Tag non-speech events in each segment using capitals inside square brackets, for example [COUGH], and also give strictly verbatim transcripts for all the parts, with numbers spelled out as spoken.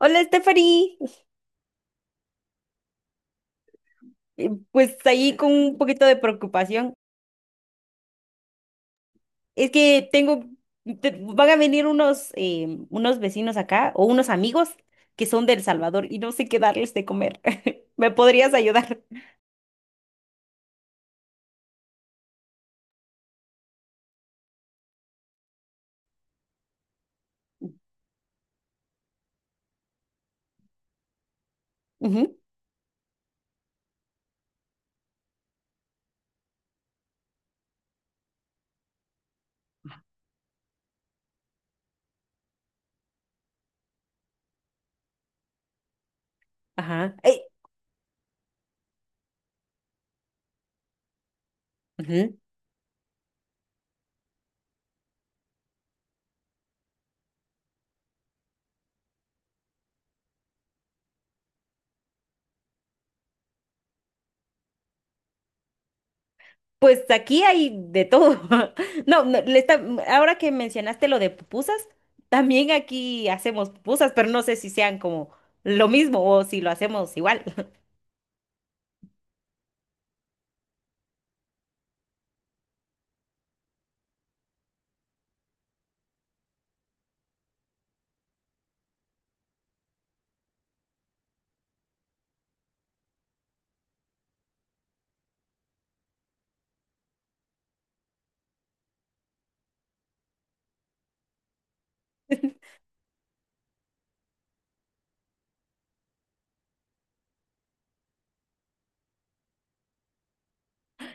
Hola, Stephanie. Eh, Pues ahí con un poquito de preocupación. Es que tengo, te- van a venir unos, eh, unos vecinos acá o unos amigos que son de El Salvador y no sé qué darles de comer. [LAUGHS] ¿Me podrías ayudar? Ujú. Ajá. Eh, ujú. Pues aquí hay de todo. [LAUGHS] No, no, le está- Ahora que mencionaste lo de pupusas, también aquí hacemos pupusas, pero no sé si sean como lo mismo o si lo hacemos igual.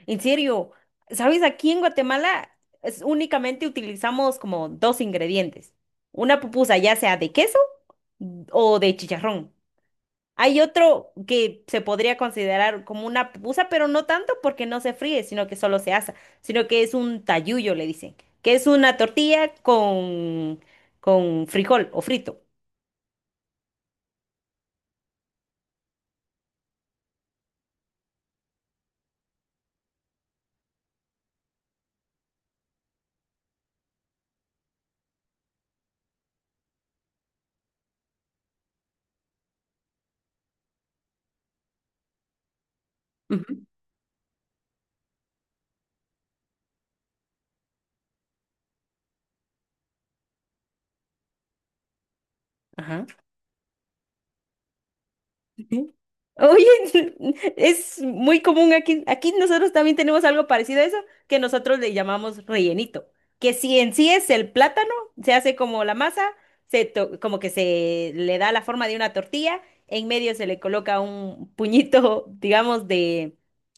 En serio, ¿sabes? Aquí en Guatemala es- únicamente utilizamos como dos ingredientes. Una pupusa ya sea de queso o de chicharrón. Hay otro que se podría considerar como una pupusa, pero no tanto porque no se fríe, sino que solo se asa, sino que es un tayuyo, le dicen, que es una tortilla con, con frijol o frito. Ujú. Ajá. Ujú. Oye, [LAUGHS] es muy común aquí. Aquí nosotros también tenemos algo parecido a eso, que nosotros le llamamos rellenito, que si en sí es el plátano, se hace como la masa, se to- como que se le da la forma de una tortilla, en medio se le coloca un puñito, [LAUGHS] digamos, de,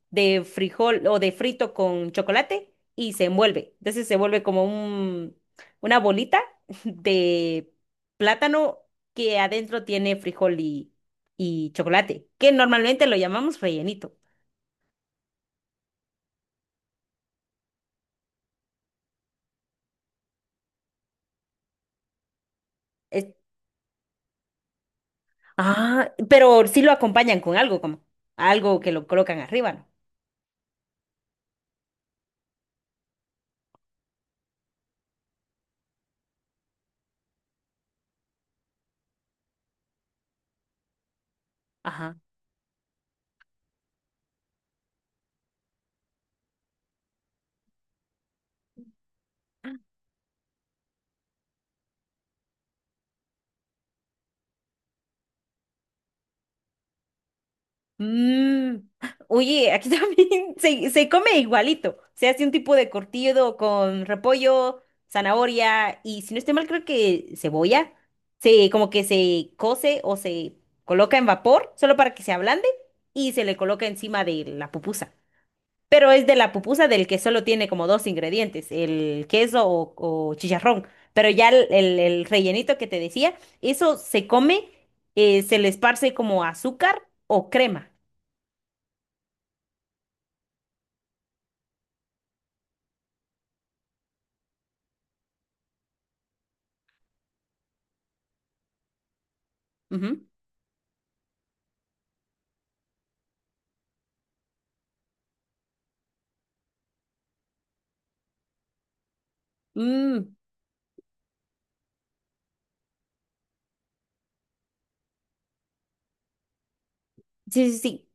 de frijol o de frito con chocolate y se envuelve. Entonces se vuelve como un, una bolita [LAUGHS] de plátano que adentro tiene frijol y chocolate, que normalmente lo llamamos rellenito. Es- ah, pero sí lo acompañan con algo, como algo que lo colocan arriba, ¿no? Ajá. Mm. Oye, aquí [LAUGHS] también se, se come igualito. Se hace un tipo de cortido con repollo, zanahoria y si no estoy mal, creo que cebolla. Se, como que se cose o se coloca en vapor solo para que se ablande y se le coloca encima de la pupusa. Pero es de la pupusa del que solo tiene como dos ingredientes, el queso o, o chicharrón. Pero ya el, el- el rellenito que te decía, eso se come, eh, se le esparce como azúcar o crema. Ujú. Mm, sí, sí, sí.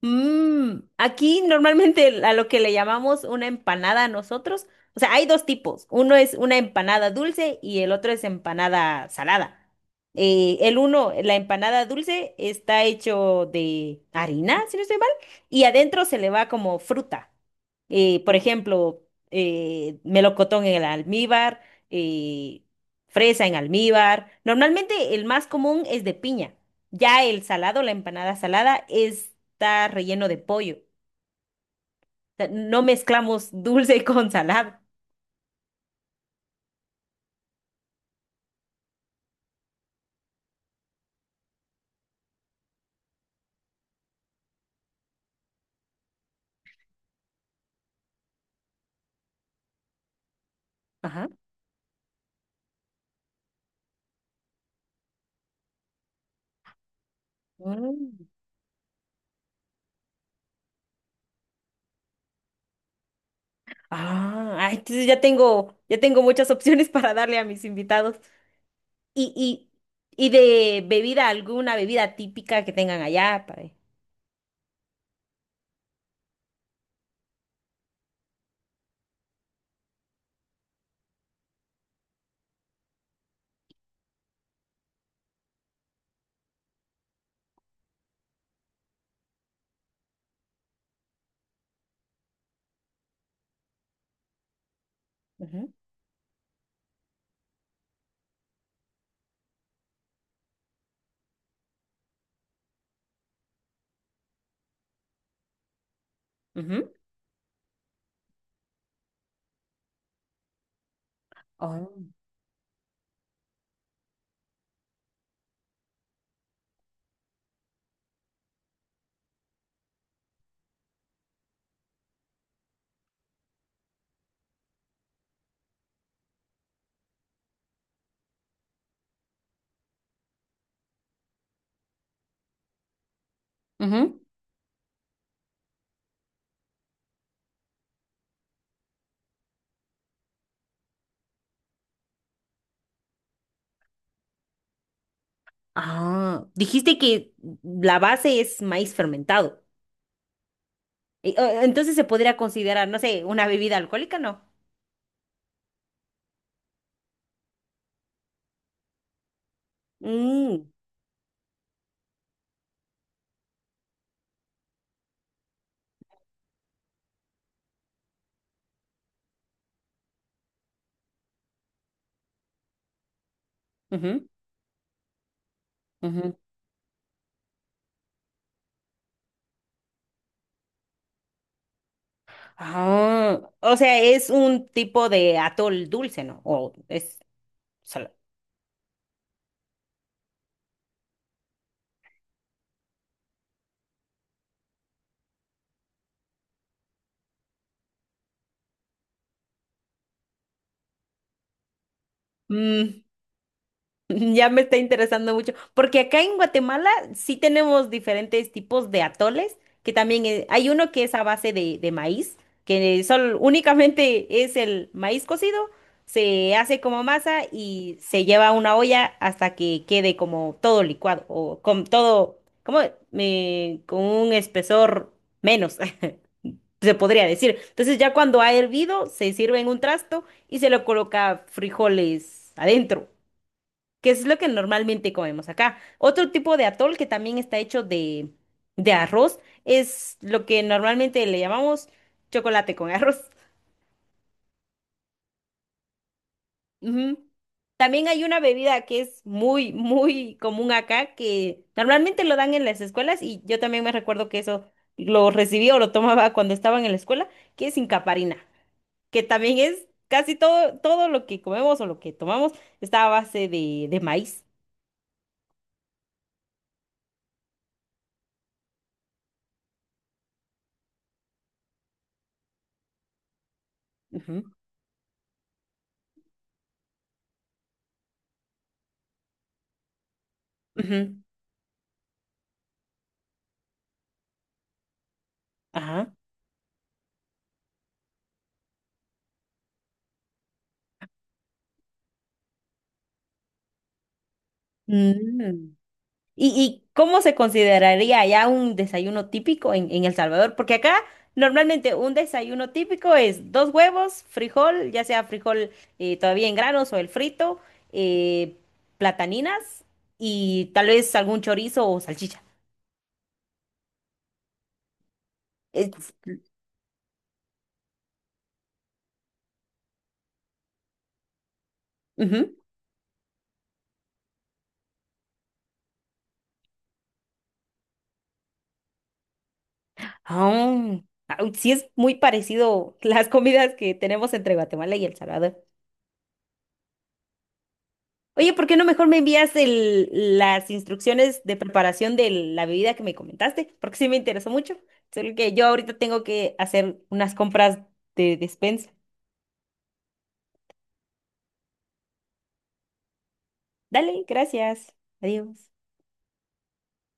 Mm, aquí normalmente a lo que le llamamos una empanada a nosotros, o sea, hay dos tipos. Uno es una empanada dulce y el otro es empanada salada. Eh, el uno, la empanada dulce, está hecho de harina, si no estoy mal, y adentro se le va como fruta. Eh, por ejemplo, eh, melocotón en el almíbar, eh, fresa en almíbar. Normalmente el más común es de piña. Ya el salado, la empanada salada, está relleno de pollo. O sea, no mezclamos dulce [LAUGHS] con salado. Ajá. Mm. Ah, ay, entonces ya tengo, ya tengo muchas opciones [LAUGHS] para darle a mis invitados. Y, y, y de bebida, alguna bebida típica que tengan allá para. Ujú, ujú. Oh, ujú. Ah, dijiste que la base es maíz fermentado. E- o- Entonces se podría considerar, no sé, una bebida alcohólica, ¿no? Mm, ujú. Ujú. Ah, o sea, es un tipo de atol dulce, ¿no? O es solo. Mm, [LAUGHS] ya me está interesando mucho, porque acá en Guatemala sí tenemos diferentes tipos de atoles, que también eh, hay uno que es a base de, de maíz, que solo únicamente es el maíz cocido, se hace como masa y se lleva a una olla hasta que quede como todo licuado o con todo, como eh, con un espesor menos. [LAUGHS] Se podría decir. Entonces ya cuando ha hervido, se sirve en un trasto y se le coloca frijoles adentro, que es lo que normalmente comemos acá. Otro tipo de atol que también está hecho de, de arroz es lo que normalmente le llamamos chocolate con arroz. [LAUGHS] Ujú. También hay una bebida que es muy, muy común acá, que normalmente lo dan en las escuelas y yo también me recuerdo que eso lo recibí o lo tomaba cuando estaba en la escuela, que es incaparina. Que también es casi todo, todo lo que comemos o lo que tomamos está a base de, de maíz. Ujú, ujú. Ajá. Mm. ¿Y, y cómo se consideraría ya un desayuno típico en, en El Salvador? Porque acá normalmente un desayuno típico es dos huevos, frijol, ya sea frijol eh, todavía en granos o el frito, eh, plataninas y tal vez algún chorizo o salchicha. Es- ujú. Ah, ah, uy, sí es muy parecido [LAUGHS] las comidas que tenemos entre Guatemala y El Salvador. Oye, ¿por qué no mejor me envías el- las instrucciones de preparación de la bebida que me comentaste? Porque sí me interesó mucho. Solo que yo ahorita tengo que hacer unas compras de despensa. Dale, gracias. Adiós.